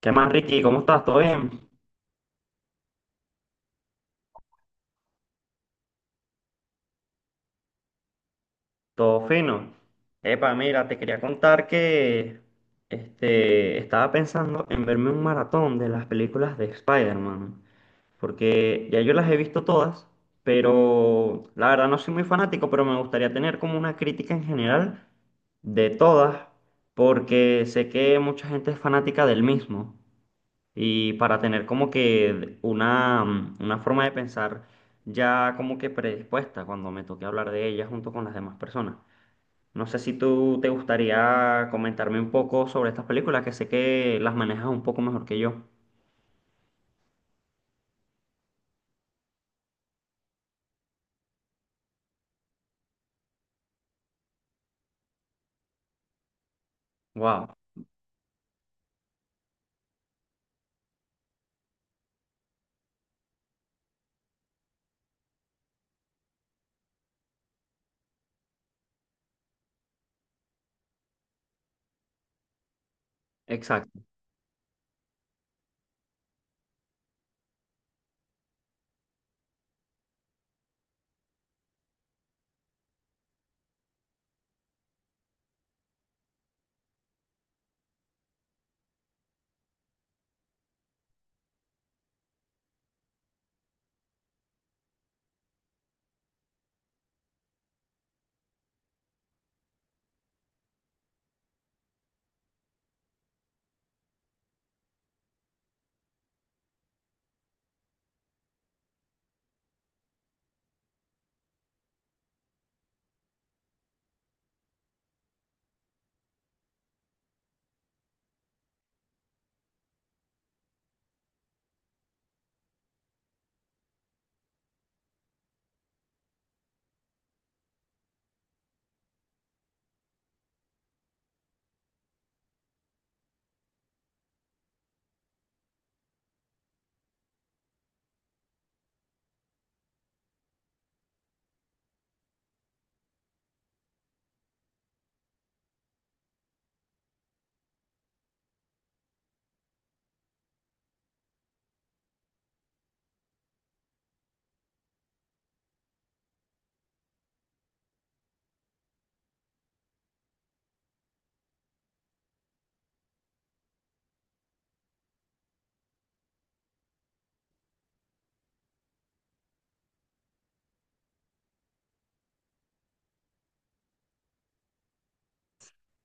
¿Qué más, Ricky? ¿Cómo estás? ¿Todo bien? ¿Todo fino? Epa, mira, te quería contar que estaba pensando en verme un maratón de las películas de Spider-Man, porque ya yo las he visto todas, pero la verdad no soy muy fanático, pero me gustaría tener como una crítica en general de todas, porque sé que mucha gente es fanática del mismo. Y para tener como que una, una forma de pensar ya como que predispuesta cuando me toque hablar de ella junto con las demás personas. No sé si tú te gustaría comentarme un poco sobre estas películas, que sé que las manejas un poco mejor que yo. Wow, exacto,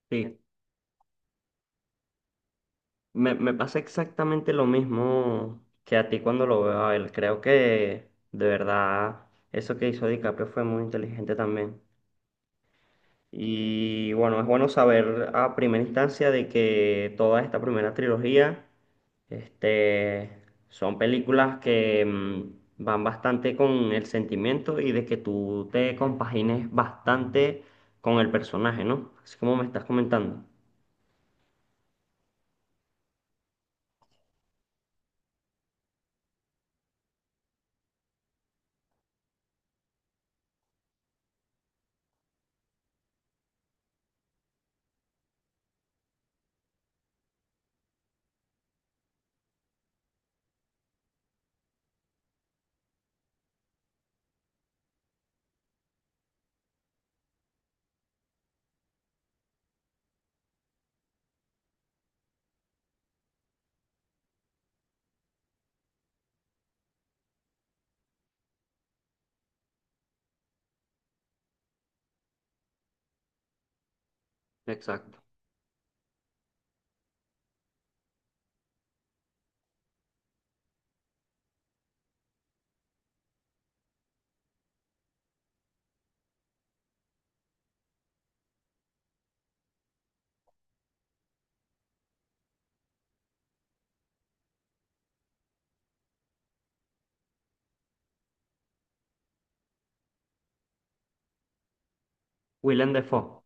sí. Me pasa exactamente lo mismo que a ti cuando lo veo a él. Creo que de verdad eso que hizo DiCaprio fue muy inteligente también. Y bueno, es bueno saber a primera instancia de que toda esta primera trilogía, este, son películas que van bastante con el sentimiento y de que tú te compagines bastante con el personaje, ¿no? Así como me estás comentando. Exacto. Willem Dafoe.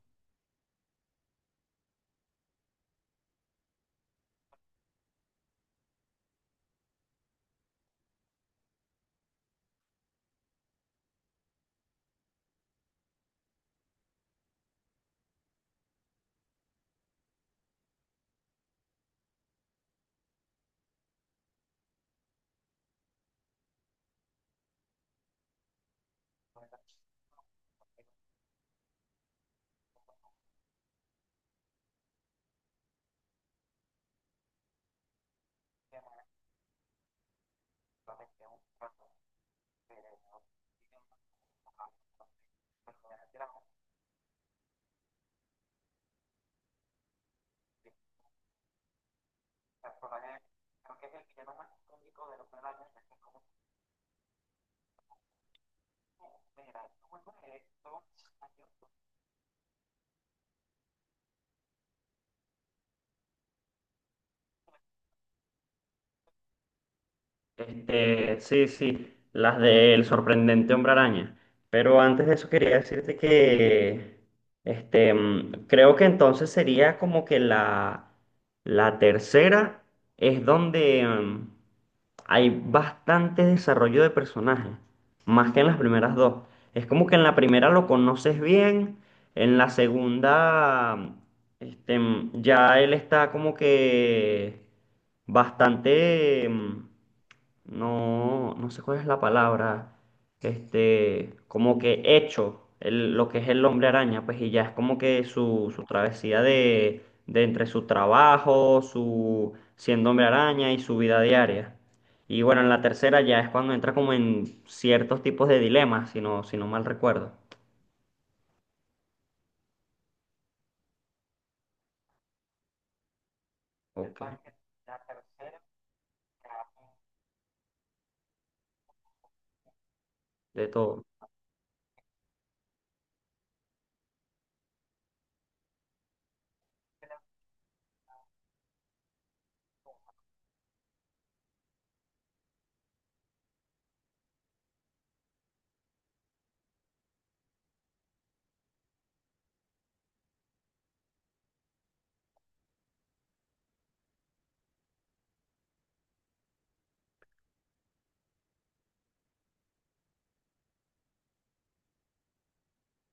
Este, sí, sí, las del sorprendente hombre araña. Pero antes de eso quería decirte que, creo que entonces sería como que la tercera es donde, hay bastante desarrollo de personaje, más que en las primeras dos. Es como que en la primera lo conoces bien, en la segunda, este, ya él está como que bastante, no sé cuál es la palabra, como que hecho lo que es el hombre araña, pues y ya es como que su travesía de entre su trabajo, su siendo hombre araña y su vida diaria. Y bueno, en la tercera ya es cuando entra como en ciertos tipos de dilemas, si no, si no mal recuerdo. Ok, de todo.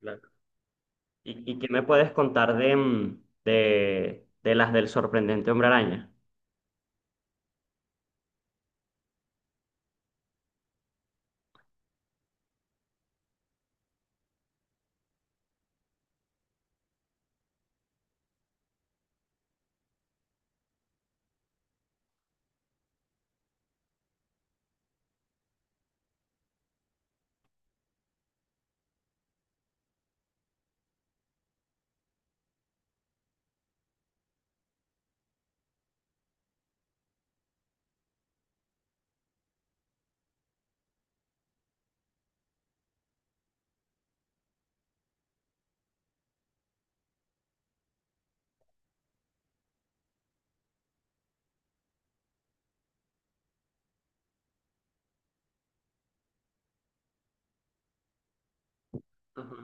Claro. Y qué me puedes contar de, de las del sorprendente hombre araña? Ajá,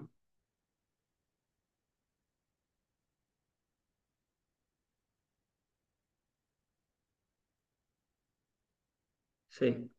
sí.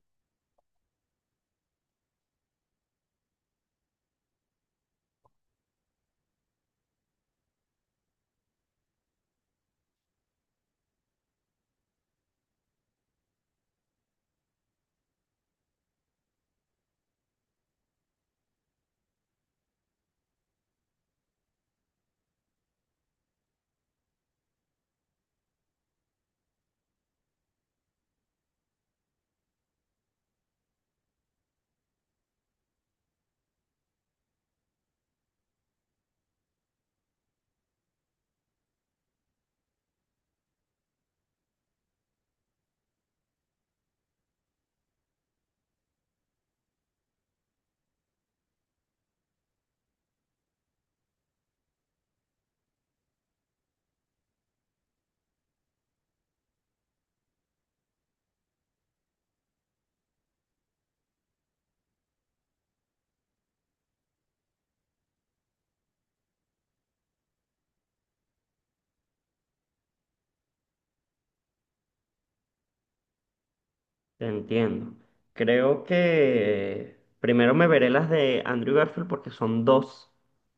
Entiendo. Creo que primero me veré las de Andrew Garfield porque son dos,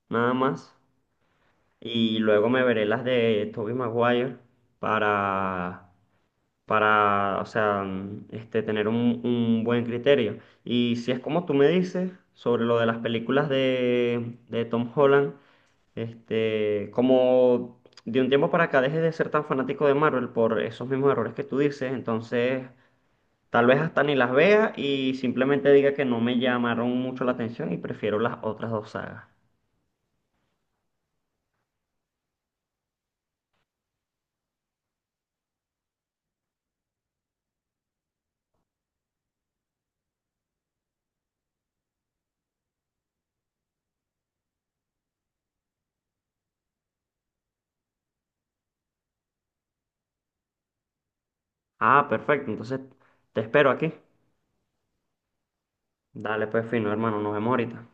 nada más. Y luego me veré las de Tobey Maguire para o sea, tener un buen criterio. Y si es como tú me dices sobre lo de las películas de Tom Holland, como de un tiempo para acá dejes de ser tan fanático de Marvel por esos mismos errores que tú dices, entonces tal vez hasta ni las vea y simplemente diga que no me llamaron mucho la atención y prefiero las otras dos sagas. Ah, perfecto, entonces te espero aquí. Dale, pues fino, hermano, nos vemos ahorita.